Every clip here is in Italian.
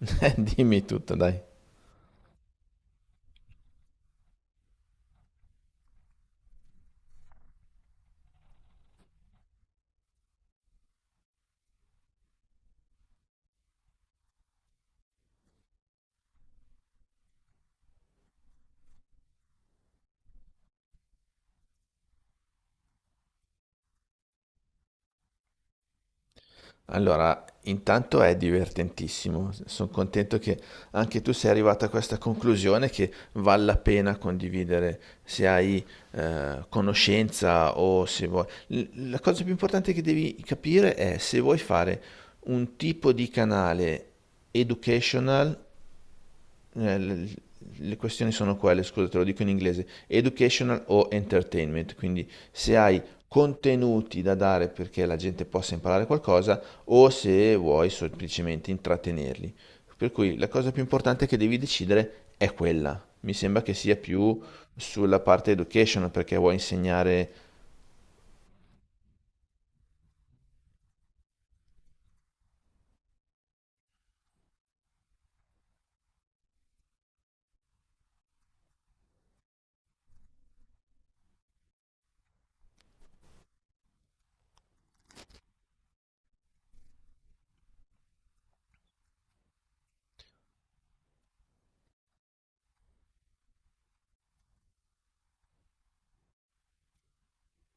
Dimmi tutto, dai. Allora, intanto è divertentissimo. Sono contento che anche tu sei arrivata a questa conclusione che vale la pena condividere se hai conoscenza o se vuoi. La cosa più importante che devi capire è se vuoi fare un tipo di canale educational. Eh, le, le questioni sono quelle, scusa, te lo dico in inglese, educational o entertainment, quindi se hai contenuti da dare perché la gente possa imparare qualcosa o se vuoi semplicemente intrattenerli. Per cui la cosa più importante che devi decidere è quella. Mi sembra che sia più sulla parte educational perché vuoi insegnare...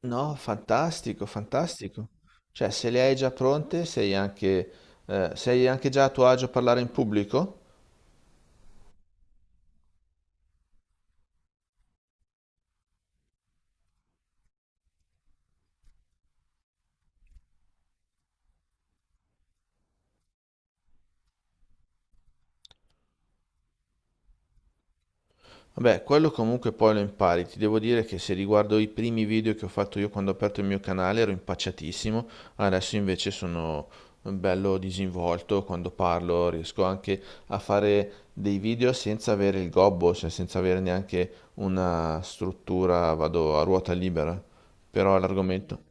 No, fantastico, fantastico. Cioè, se le hai già pronte, sei anche già a tuo agio a parlare in pubblico? Vabbè, quello comunque poi lo impari. Ti devo dire che se riguardo i primi video che ho fatto io quando ho aperto il mio canale ero impacciatissimo, adesso invece sono bello disinvolto quando parlo, riesco anche a fare dei video senza avere il gobbo, cioè senza avere neanche una struttura, vado a ruota libera. Però l'argomento...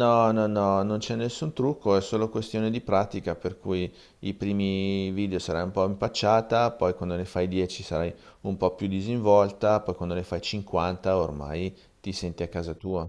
No, no, no, non c'è nessun trucco, è solo questione di pratica, per cui i primi video sarai un po' impacciata, poi quando ne fai 10 sarai un po' più disinvolta, poi quando ne fai 50 ormai ti senti a casa tua.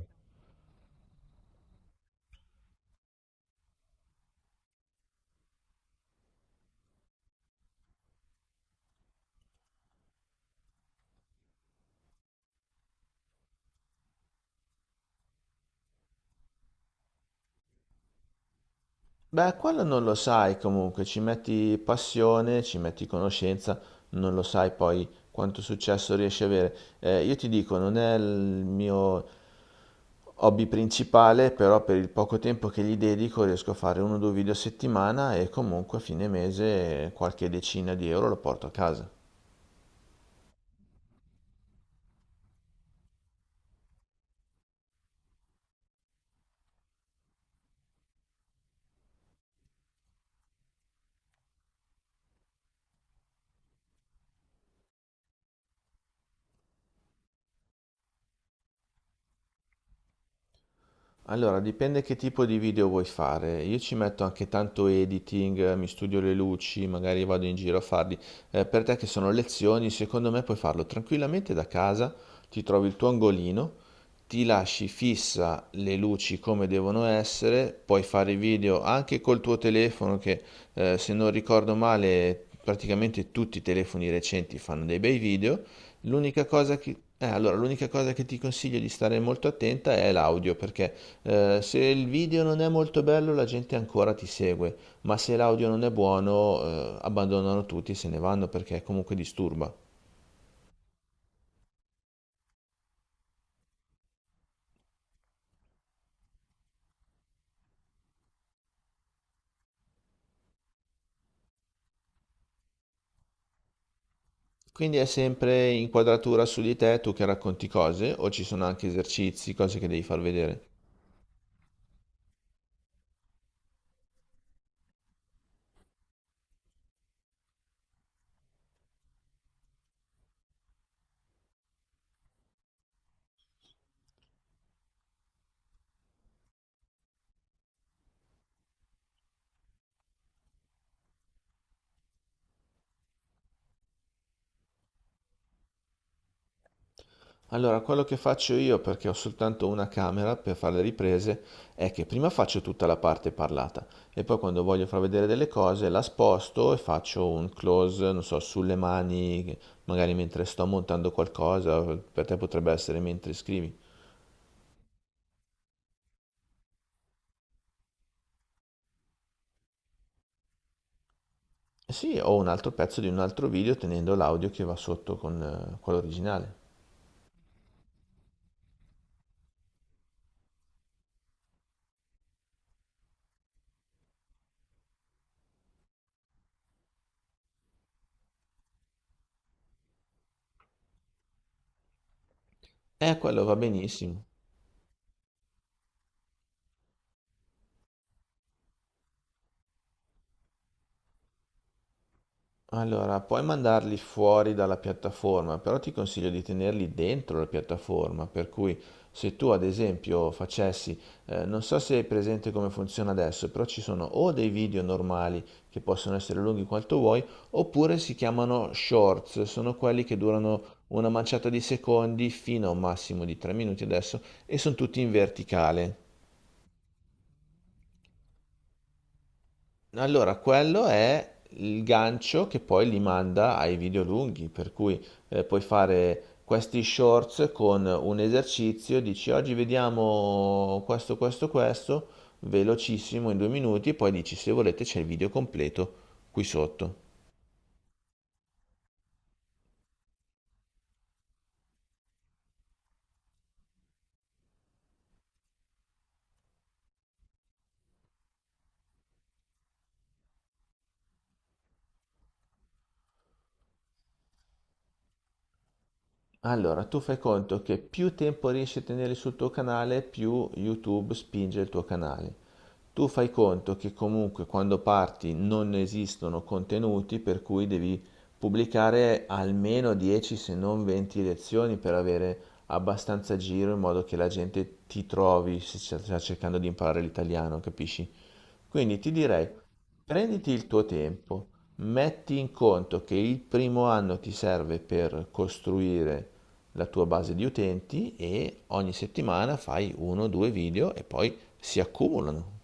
Beh, quello non lo sai comunque, ci metti passione, ci metti conoscenza, non lo sai poi quanto successo riesci a avere. Io ti dico, non è il mio hobby principale, però per il poco tempo che gli dedico riesco a fare 1 o 2 video a settimana e comunque a fine mese qualche decina di euro lo porto a casa. Allora, dipende che tipo di video vuoi fare. Io ci metto anche tanto editing, mi studio le luci, magari vado in giro a farli. Per te che sono lezioni, secondo me puoi farlo tranquillamente da casa, ti trovi il tuo angolino, ti lasci fissa le luci come devono essere, puoi fare i video anche col tuo telefono che, se non ricordo male, praticamente tutti i telefoni recenti fanno dei bei video. L'unica cosa che, allora, l'unica cosa che ti consiglio di stare molto attenta è l'audio, perché se il video non è molto bello la gente ancora ti segue, ma se l'audio non è buono abbandonano tutti e se ne vanno perché comunque disturba. Quindi è sempre inquadratura su di te, tu che racconti cose, o ci sono anche esercizi, cose che devi far vedere. Allora, quello che faccio io, perché ho soltanto una camera per fare le riprese, è che prima faccio tutta la parte parlata e poi quando voglio far vedere delle cose la sposto e faccio un close, non so, sulle mani, magari mentre sto montando qualcosa, per te potrebbe essere mentre scrivi. Sì, ho un altro pezzo di un altro video tenendo l'audio che va sotto con quello originale. Quello va benissimo. Allora, puoi mandarli fuori dalla piattaforma, però ti consiglio di tenerli dentro la piattaforma, per cui se tu ad esempio facessi, non so se è presente come funziona adesso, però ci sono o dei video normali che possono essere lunghi quanto vuoi, oppure si chiamano shorts, sono quelli che durano una manciata di secondi fino a un massimo di 3 minuti adesso e sono tutti in verticale. Allora, quello è il gancio che poi li manda ai video lunghi, per cui puoi fare questi shorts con un esercizio, dici oggi vediamo questo, questo, questo, velocissimo in 2 minuti, e poi dici se volete c'è il video completo qui sotto. Allora, tu fai conto che più tempo riesci a tenere sul tuo canale, più YouTube spinge il tuo canale. Tu fai conto che comunque quando parti non esistono contenuti, per cui devi pubblicare almeno 10 se non 20 lezioni per avere abbastanza giro in modo che la gente ti trovi se sta cercando di imparare l'italiano, capisci? Quindi ti direi, prenditi il tuo tempo, metti in conto che il primo anno ti serve per costruire la tua base di utenti e ogni settimana fai 1 o 2 video e poi si accumulano.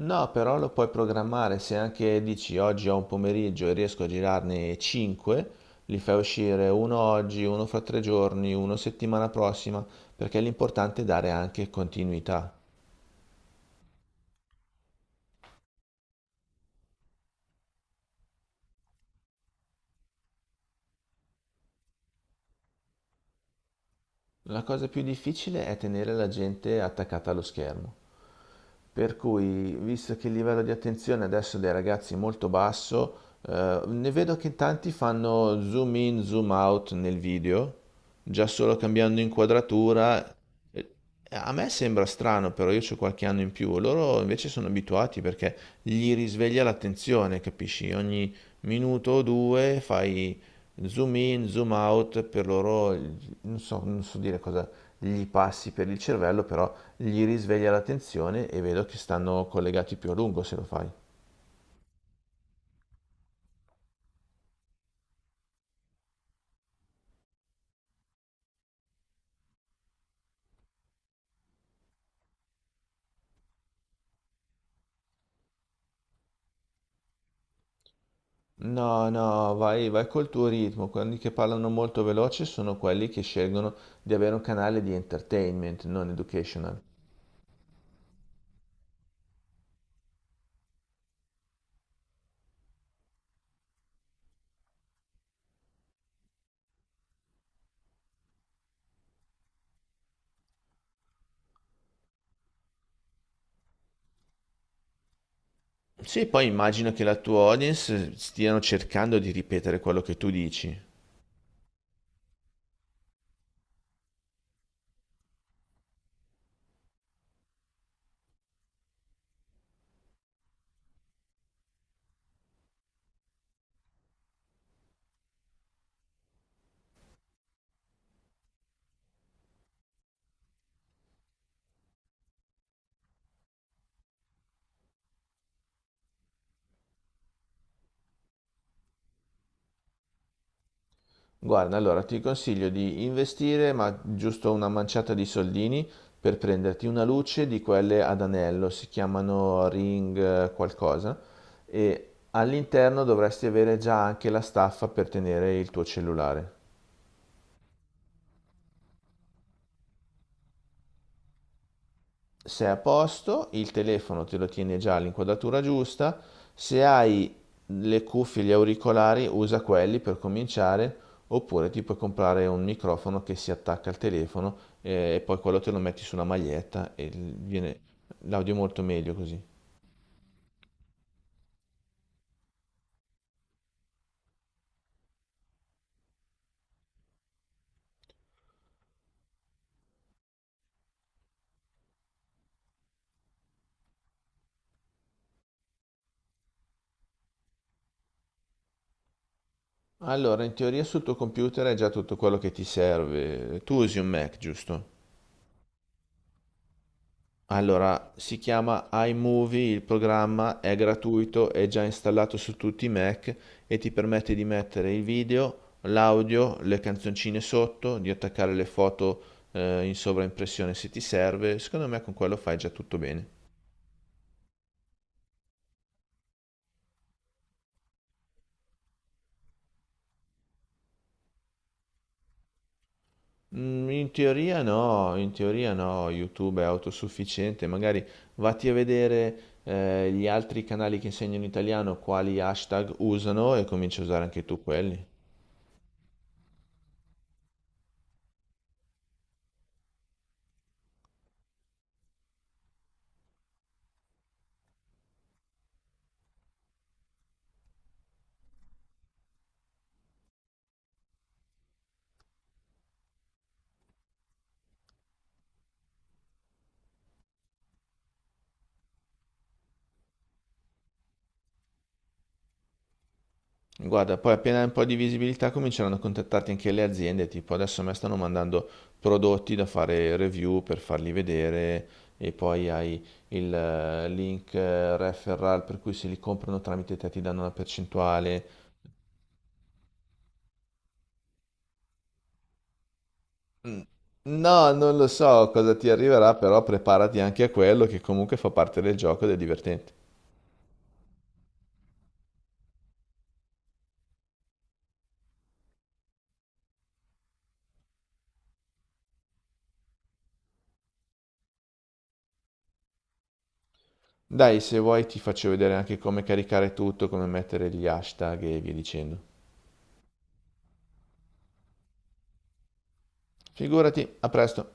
No, però lo puoi programmare se anche dici oggi ho un pomeriggio e riesco a girarne 5, li fai uscire uno oggi, uno fra 3 giorni, uno settimana prossima, perché l'importante è dare anche continuità. La cosa più difficile è tenere la gente attaccata allo schermo. Per cui, visto che il livello di attenzione adesso dei ragazzi è molto basso, ne vedo che tanti fanno zoom in, zoom out nel video, già solo cambiando inquadratura. Eh, A me sembra strano, però io ho qualche anno in più, loro invece sono abituati perché gli risveglia l'attenzione, capisci? Ogni minuto o due fai zoom in, zoom out, per loro, non so, non so dire cosa gli passi per il cervello, però gli risveglia l'attenzione e vedo che stanno collegati più a lungo se lo fai. No, no, vai, vai col tuo ritmo. Quelli che parlano molto veloce sono quelli che scelgono di avere un canale di entertainment, non educational. Sì, poi immagino che la tua audience stiano cercando di ripetere quello che tu dici. Guarda, allora ti consiglio di investire, ma giusto una manciata di soldini per prenderti una luce di quelle ad anello, si chiamano ring qualcosa, e all'interno dovresti avere già anche la staffa per tenere il tuo cellulare. Sei a posto, il telefono te lo tiene già all'inquadratura giusta, se hai le cuffie, gli auricolari, usa quelli per cominciare, oppure ti puoi comprare un microfono che si attacca al telefono e poi quello te lo metti sulla maglietta e viene l'audio è molto meglio così. Allora, in teoria sul tuo computer hai già tutto quello che ti serve. Tu usi un Mac, giusto? Allora, si chiama iMovie, il programma è gratuito, è già installato su tutti i Mac e ti permette di mettere il video, l'audio, le canzoncine sotto, di attaccare le foto in sovraimpressione se ti serve. Secondo me con quello fai già tutto bene. Mm, in teoria no, in teoria no, YouTube è autosufficiente, magari vatti a vedere gli altri canali che insegnano italiano quali hashtag usano e cominci a usare anche tu quelli. Guarda, poi appena hai un po' di visibilità cominceranno a contattarti anche le aziende, tipo adesso a me stanno mandando prodotti da fare review per farli vedere e poi hai il link referral per cui se li comprano tramite te ti danno una percentuale. Mm, no, non lo so cosa ti arriverà, però preparati anche a quello che comunque fa parte del gioco ed è divertente. Dai, se vuoi ti faccio vedere anche come caricare tutto, come mettere gli hashtag e via dicendo. Figurati, a presto.